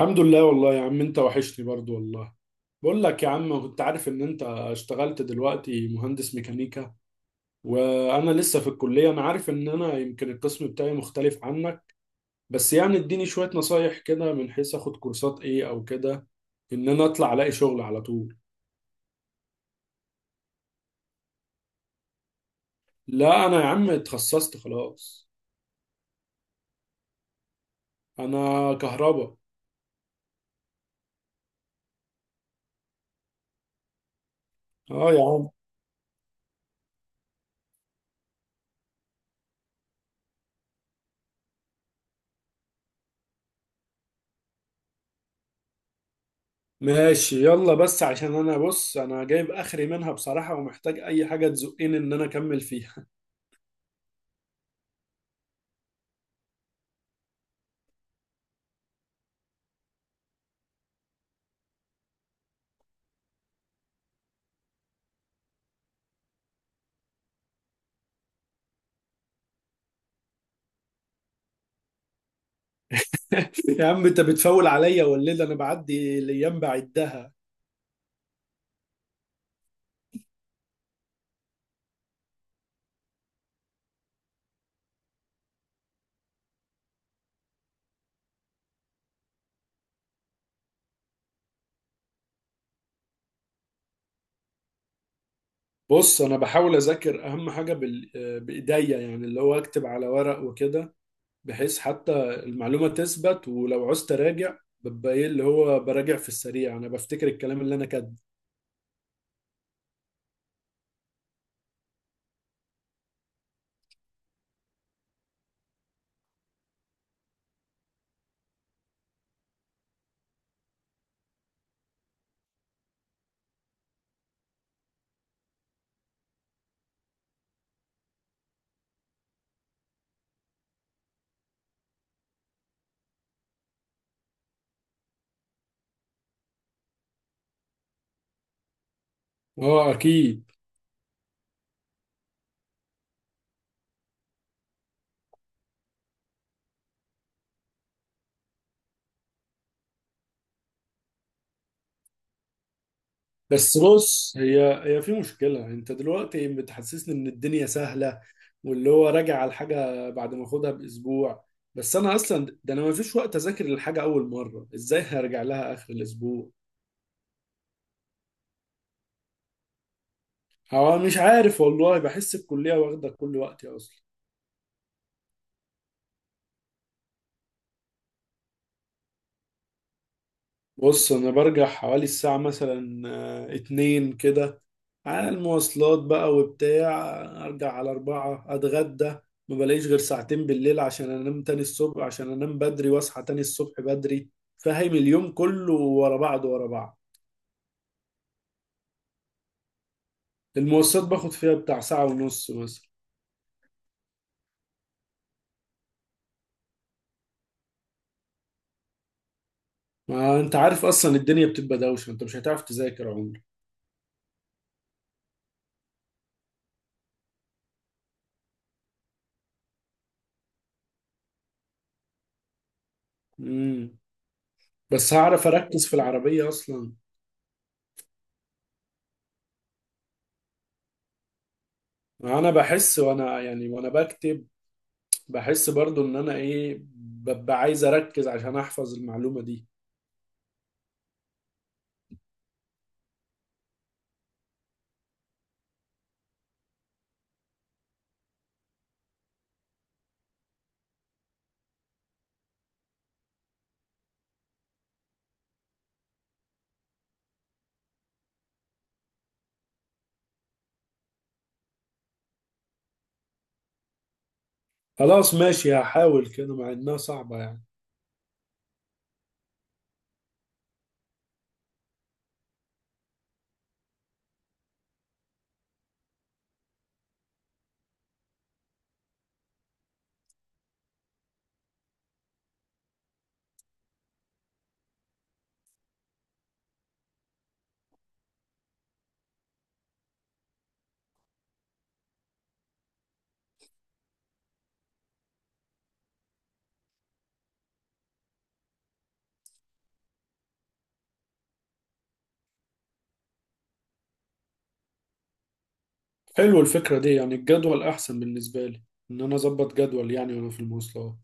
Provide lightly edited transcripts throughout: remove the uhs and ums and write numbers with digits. الحمد لله والله يا عم انت وحشني برضو والله. بقول لك يا عم، كنت عارف ان انت اشتغلت دلوقتي مهندس ميكانيكا وانا لسه في الكلية. انا عارف ان انا يمكن القسم بتاعي مختلف عنك، بس يعني اديني شوية نصايح كده من حيث اخد كورسات ايه او كده، ان انا اطلع الاقي شغل على طول. لا انا يا عم اتخصصت خلاص. انا كهربا. اه يا عم. ماشي يلا، بس عشان انا بص انا جايب اخري منها بصراحة، ومحتاج اي حاجة تزقني ان انا اكمل فيها. يا عم انت بتفول عليا والليل انا بعدي الايام بعدها. بص انا بحاول اذاكر اهم حاجه بايديا، يعني اللي هو اكتب على ورق وكده، بحيث حتى المعلومه تثبت. ولو عوزت اراجع ببقى ايه اللي هو براجع في السريع، انا بفتكر الكلام اللي انا كاتبه. اه اكيد. بس بص، هي في مشكلة. انت دلوقتي بتحسسني ان الدنيا سهلة، واللي هو راجع على الحاجة بعد ما اخدها باسبوع. بس انا اصلا ده انا ما فيش وقت اذاكر الحاجة اول مرة، ازاي هرجع لها اخر الاسبوع؟ هو مش عارف والله، بحس الكلية واخدة كل وقتي اصلا. بص انا برجع حوالي الساعة مثلا اتنين كده، على المواصلات بقى وبتاع، ارجع على اربعة اتغدى. ما بلاقيش غير ساعتين بالليل عشان انام تاني الصبح، عشان انام بدري واصحى تاني الصبح بدري. فاهم؟ اليوم كله ورا بعض ورا بعض. المواصلات باخد فيها بتاع ساعة ونص مثلا. ما انت عارف اصلا الدنيا بتبقى دوشة، انت مش هتعرف تذاكر عمري. امم بس هعرف اركز في العربية اصلا؟ انا بحس وانا يعني وانا بكتب، بحس برضو ان انا ايه، ببقى عايز اركز عشان احفظ المعلومة دي. خلاص ماشي، هحاول كده مع انها صعبة يعني. حلو الفكرة دي، يعني الجدول احسن بالنسبة لي، ان انا اظبط جدول يعني وانا في المواصلات.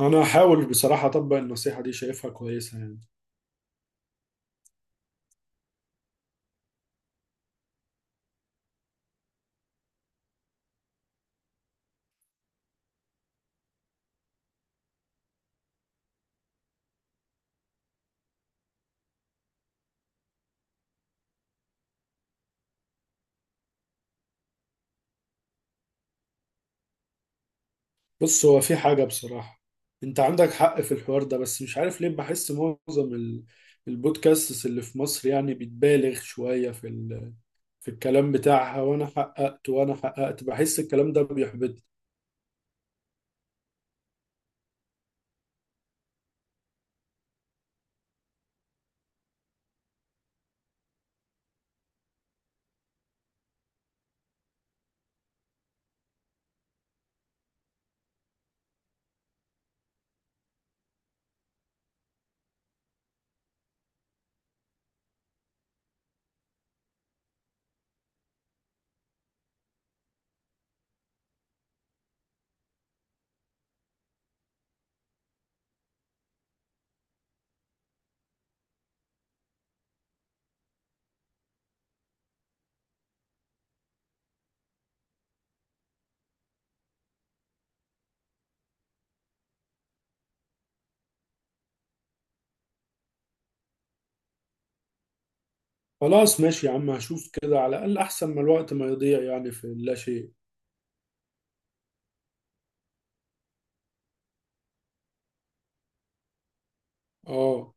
انا هحاول بصراحة اطبق النصيحة دي، شايفها كويسة يعني. بص هو في حاجة بصراحة، انت عندك حق في الحوار ده، بس مش عارف ليه بحس معظم البودكاستس اللي في مصر يعني بتبالغ شوية في في الكلام بتاعها. وانا حققت بحس الكلام ده بيحبط. خلاص ماشي يا عم، هشوف كده، على الأقل أحسن ما الوقت ما يضيع يعني في لا شيء. اه.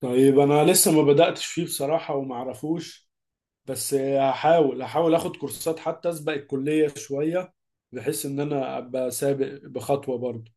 طيب أنا لسه ما بدأتش فيه بصراحة ومعرفوش، بس هحاول هحاول أخد كورسات حتى أسبق الكلية شوية، بحيث إن أنا أبقى سابق بخطوة برضه.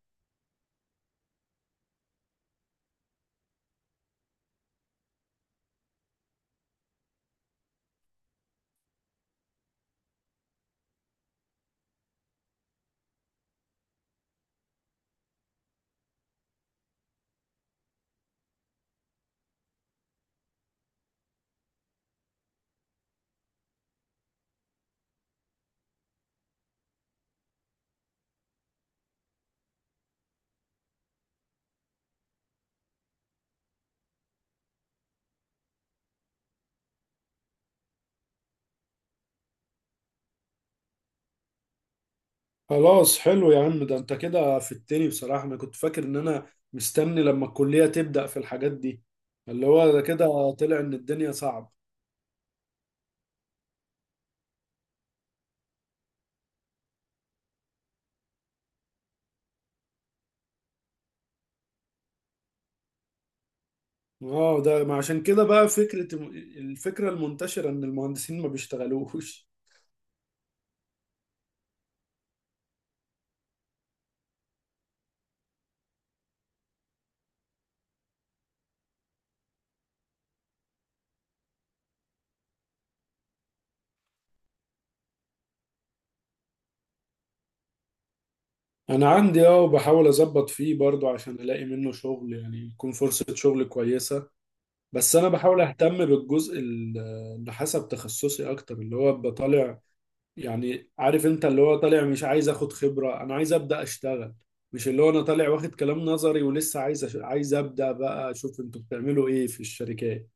خلاص حلو يا عم، ده أنت كده في التاني بصراحة. أنا كنت فاكر إن أنا مستني لما الكلية تبدأ في الحاجات دي. اللي هو ده كده طلع إن الدنيا صعبة. اه ده ما عشان كده بقى فكرة، الفكرة المنتشرة ان المهندسين ما بيشتغلوش. انا عندي اه، وبحاول اظبط فيه برضو عشان الاقي منه شغل يعني، يكون فرصة شغل كويسة. بس انا بحاول اهتم بالجزء اللي حسب تخصصي اكتر، اللي هو أبقى طالع. يعني عارف انت اللي هو طالع مش عايز اخد خبرة، انا عايز ابدأ اشتغل. مش اللي هو انا طالع واخد كلام نظري ولسه عايز عايز ابدأ بقى اشوف انتوا بتعملوا ايه في الشركات.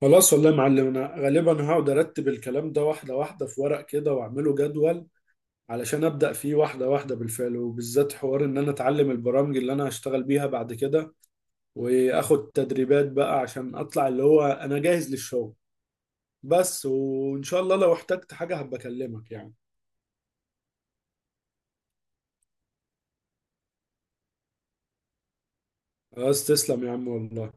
خلاص والله يا معلم، انا غالبا هقعد ارتب الكلام ده واحده واحده في ورق كده واعمله جدول، علشان ابدا فيه واحده واحده بالفعل، وبالذات حوار ان انا اتعلم البرامج اللي انا هشتغل بيها بعد كده، واخد تدريبات بقى عشان اطلع اللي هو انا جاهز للشغل. بس وان شاء الله لو احتجت حاجه هبقى اكلمك يعني. خلاص تسلم يا عم والله.